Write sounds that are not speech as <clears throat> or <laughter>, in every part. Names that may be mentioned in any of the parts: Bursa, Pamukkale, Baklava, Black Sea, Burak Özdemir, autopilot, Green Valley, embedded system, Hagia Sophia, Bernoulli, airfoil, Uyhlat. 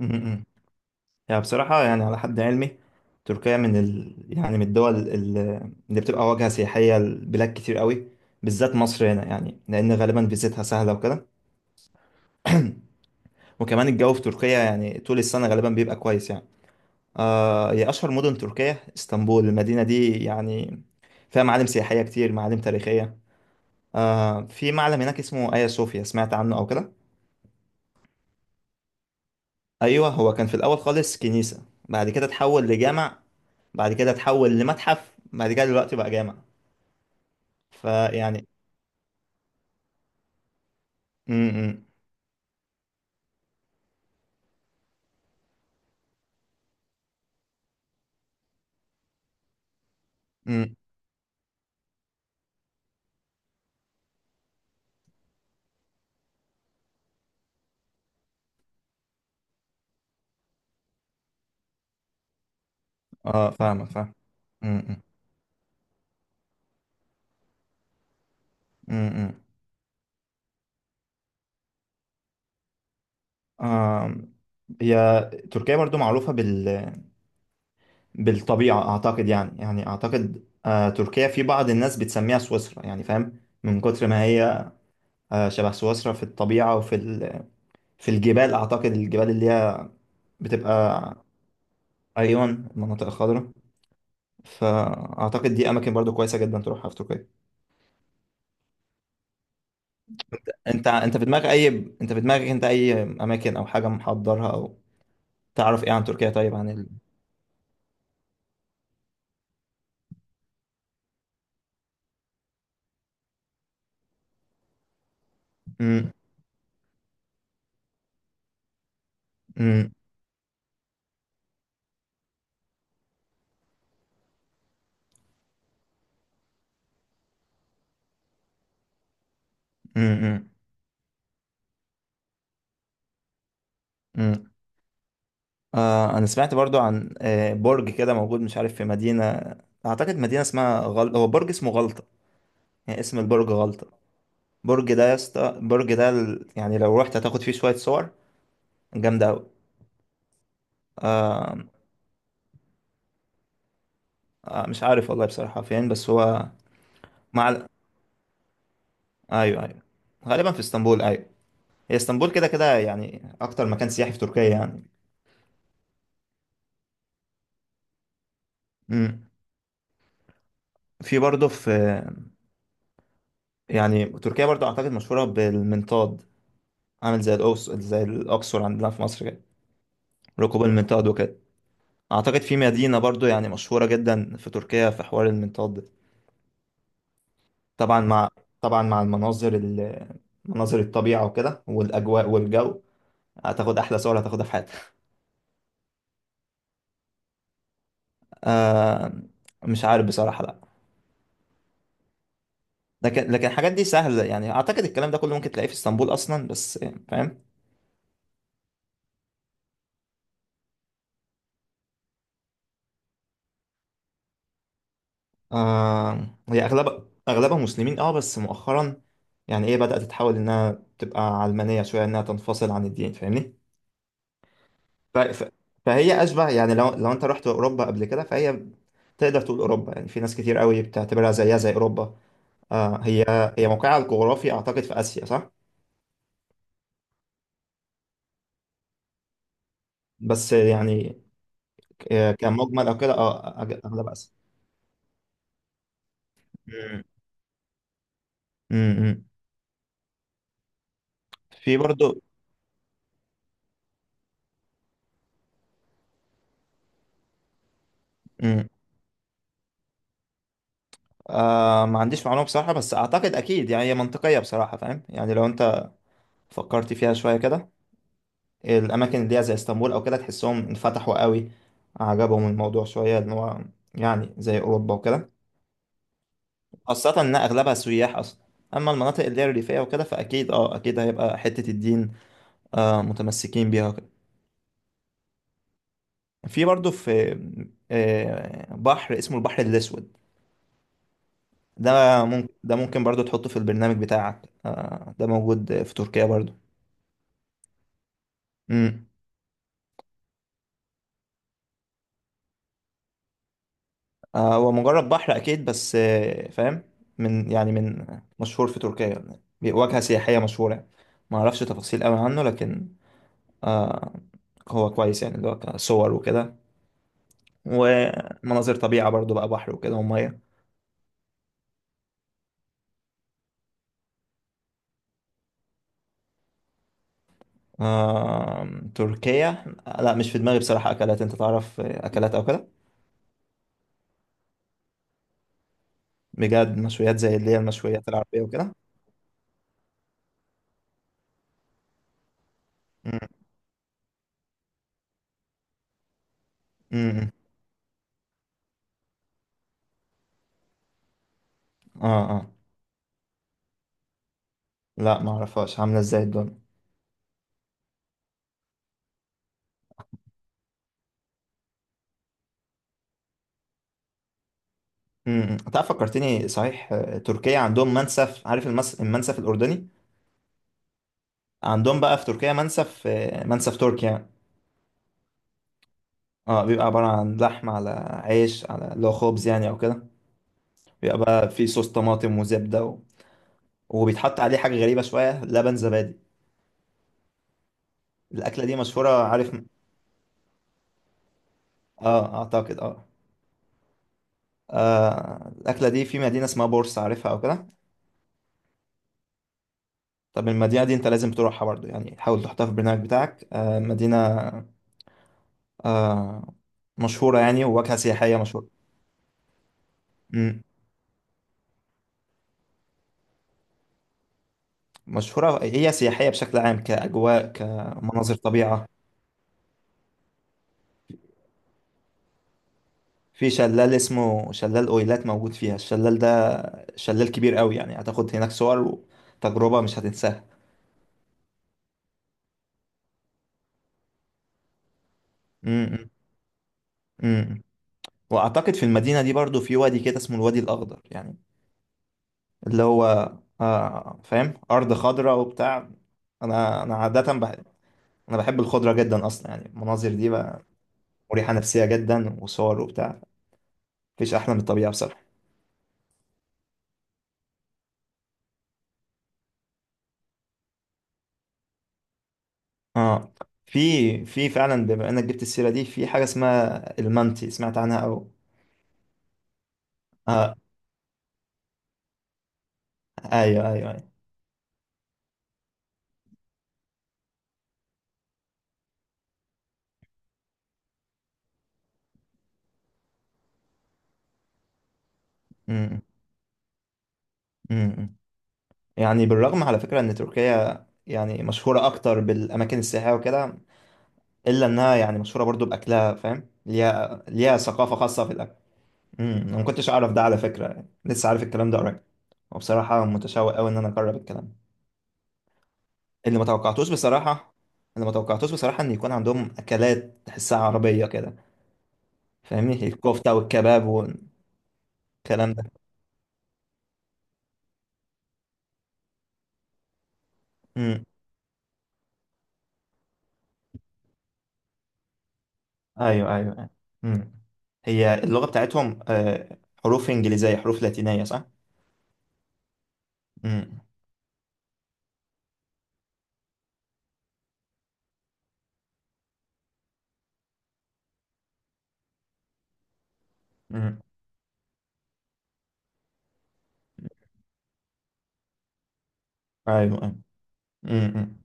امم يعني بصراحة، يعني على حد علمي تركيا يعني من الدول اللي بتبقى واجهة سياحية لبلاد كتير قوي، بالذات مصر هنا، يعني لأن غالبا فيزتها سهلة وكده. <clears throat> وكمان الجو في تركيا يعني طول السنة غالبا بيبقى كويس يعني. هي أشهر مدن تركيا اسطنبول. المدينة دي يعني فيها معالم سياحية كتير، معالم تاريخية. في معلم هناك اسمه آيا صوفيا، سمعت عنه أو كده؟ أيوه، هو كان في الأول خالص كنيسة، بعد كده اتحول لجامع، بعد كده اتحول لمتحف، بعد كده دلوقتي بقى جامع. فيعني امم امم اه، فاهمك، فاهم. امم امم آم، هي تركيا برضو معروفة بالطبيعة، أعتقد، يعني أعتقد، تركيا في بعض الناس بتسميها سويسرا، يعني فاهم، من كتر ما هي شبه سويسرا في الطبيعة وفي في الجبال. أعتقد الجبال اللي هي بتبقى، أيون، المناطق الخضراء. فأعتقد دي أماكن برضو كويسة جدا تروحها في تركيا. انت انت في دماغك اي انت في دماغك، انت، اي اماكن، او حاجه محضرها، او تعرف ايه عن تركيا؟ طيب، مم. مم. مم. مم. مم. انا سمعت برضو عن برج كده موجود، مش عارف في مدينه، اعتقد مدينه اسمها هو برج اسمه غلطه، يعني اسم البرج غلطه. برج ده يا اسطى، برج ده يعني لو رحت هتاخد فيه شويه صور جامده قوي. آه مش عارف والله بصراحه فين، بس هو مع ال- ايوه، ايوه، غالبا في اسطنبول، ايوه. هي اسطنبول كده كده يعني اكتر مكان سياحي في تركيا يعني. مم. في برضه في يعني تركيا برضه اعتقد مشهوره بالمنطاد، عامل زي الأقصر، زي الاقصر عندنا في مصر كده. ركوب المنطاد وكده. اعتقد في مدينه برضه يعني مشهوره جدا في تركيا في حوار المنطاد ده. طبعا مع طبعا مع المناظر مناظر الطبيعه وكده، والاجواء والجو، هتاخد احلى صور هتاخدها في حياتك. آه مش عارف بصراحه، لا. لكن الحاجات دي سهله، يعني اعتقد الكلام ده كله ممكن تلاقيه في اسطنبول اصلا، بس فاهم. هي أغلبها مسلمين، بس مؤخرا يعني، إيه، بدأت تتحول إنها تبقى علمانية شوية، إنها تنفصل عن الدين، فاهمني؟ ف... ف... فهي أشبه، يعني لو أنت رحت أوروبا قبل كده، فهي تقدر تقول أوروبا، يعني في ناس كتير قوي بتعتبرها زيها زي أوروبا. آه هي هي موقعها الجغرافي أعتقد في آسيا، صح؟ بس يعني كمجمل أو كده، أغلب آسيا. مم. مم. في برضو مم. ما عنديش معلومة بصراحة، بس أعتقد أكيد، يعني هي منطقية بصراحة، فاهم؟ يعني لو أنت فكرت فيها شوية كده، الأماكن اللي هي زي اسطنبول أو كده تحسهم انفتحوا قوي، عجبهم الموضوع شوية إن هو يعني زي أوروبا وكده، خاصة إن أغلبها سياح أصلا. أما المناطق اللي هي الريفية وكده، فأكيد، أه أكيد هيبقى حتة الدين، متمسكين بيها وكده. في بحر اسمه البحر الأسود. ده ممكن برضه تحطه في البرنامج بتاعك، ده موجود في تركيا برضه. مم. هو مجرد بحر اكيد، بس فاهم، من يعني من مشهور في تركيا يعني، واجهة سياحية مشهورة يعني. ما اعرفش تفاصيل قوي عنه، لكن آه هو كويس يعني، اللي هو كصور وكده، ومناظر طبيعة برضو، بقى بحر وكده ومية. آه تركيا، لا، مش في دماغي بصراحة اكلات، انت تعرف، اكلات او كده. بجد، مشويات زي اللي هي المشويات العربية وكده. م- م- م. اه، اه، لا، ما اعرفهاش، عاملة ازاي الدنيا؟ امم. امم. تعرف فكرتني صحيح، تركيا عندهم منسف. عارف المنسف الأردني؟ عندهم بقى في تركيا منسف، منسف تركي يعني. اه، بيبقى عبارة عن لحمة على عيش، على اللي هو خبز يعني أو كده، بيبقى بقى فيه صوص طماطم وزبدة وبيتحط عليه حاجة غريبة شوية، لبن زبادي. الأكلة دي مشهورة، عارف. اه، أعتقد، اه. الأكلة دي في مدينة اسمها بورس، عارفها أو كده؟ طب المدينة دي أنت لازم تروحها برضو، يعني حاول تحطها في البرنامج بتاعك. مدينة آه، مشهورة يعني، وواجهة سياحية مشهورة. مم. مشهورة، هي سياحية بشكل عام، كأجواء، كمناظر طبيعة. في شلال اسمه شلال أويلات موجود فيها، الشلال ده شلال كبير قوي يعني، هتاخد هناك صور وتجربة مش هتنساها. مم. مم. وأعتقد في المدينة دي برضو في وادي كده اسمه الوادي الأخضر يعني، اللي هو، فاهم، أرض خضراء وبتاع. أنا أنا عادة بحب أنا بحب الخضرة جدا أصلا، يعني المناظر دي بقى مريحة نفسية جدا، وصور وبتاع، مفيش أحلى من الطبيعة بصراحة. اه، في في فعلا، بما انك جبت السيره دي، في حاجه اسمها المنتي، سمعت عنها او... اه، ايوه، ايوه، ايوه. امم. امم. يعني بالرغم على فكره ان تركيا يعني مشهوره اكتر بالاماكن السياحيه وكده، الا انها يعني مشهوره برضو باكلها، فاهم، ليها ثقافه خاصه في الاكل. انا ما كنتش اعرف ده على فكره، يعني لسه عارف الكلام ده قريب، وبصراحه متشوق قوي ان انا اجرب الكلام اللي ما توقعتوش بصراحه ان يكون عندهم اكلات تحسها عربيه كده، فاهمني، الكفتة والكباب والكلام ده. امم ايوه، ايوه، أيوة. امم هي اللغة بتاعتهم، حروف انجليزية، حروف لاتينية، صح؟ امم. امم. ايوه، ايوه. امم.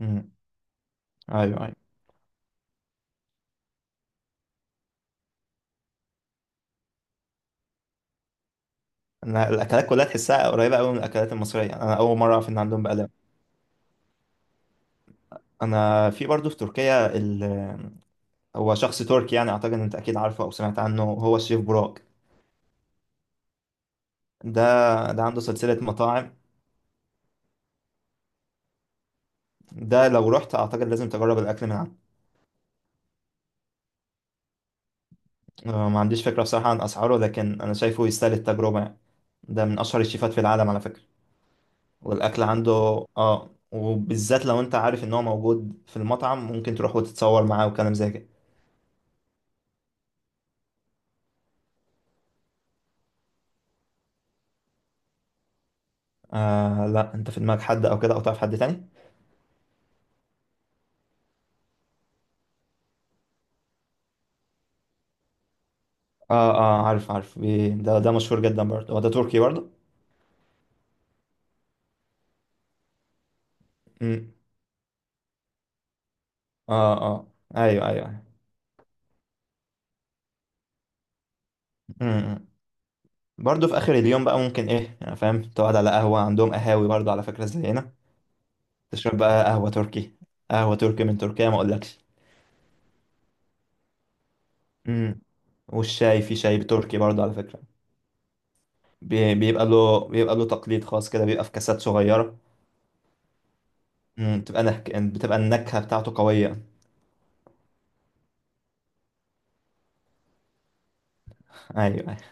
امم. ايوه، ايوه. انا الاكلات كلها تحسها قريبة قوي من الاكلات المصرية، يعني انا اول مرة اعرف ان عندهم بقلاوة. انا في برضه في تركيا ال... آه، هو شخص تركي يعني، اعتقد إن انت اكيد عارفه او سمعت عنه، هو الشيف براك. ده ده عنده سلسلة مطاعم، ده لو رحت اعتقد لازم تجرب الاكل من عنده. ما عنديش فكرة بصراحة عن أسعاره، لكن أنا شايفه يستاهل التجربة يعني. ده من أشهر الشيفات في العالم على فكرة، والأكل عنده، وبالذات لو أنت عارف إن هو موجود في المطعم، ممكن تروح وتتصور معاه وكلام زي كده. لا، أنت في دماغك حد أو كده، أو تعرف حد تاني؟ عارف، عارف، ده، مشهور جدا برضه، هو ده تركي برضه. أمم. آه آه أيوه، أيوه، أيوه. أمم. برضه في آخر اليوم بقى ممكن إيه، يعني فاهم تقعد على قهوة، عندهم قهاوي برضه على فكرة زي هنا، تشرب بقى قهوة تركي. قهوة تركي من تركيا ما أقولكش. امم. والشاي، في شاي تركي برضه على فكرة. بيبقى له تقليد خاص كده، بيبقى في كاسات صغيرة. بتبقى النكهة بتاعته قوية. <laughs> ايوه.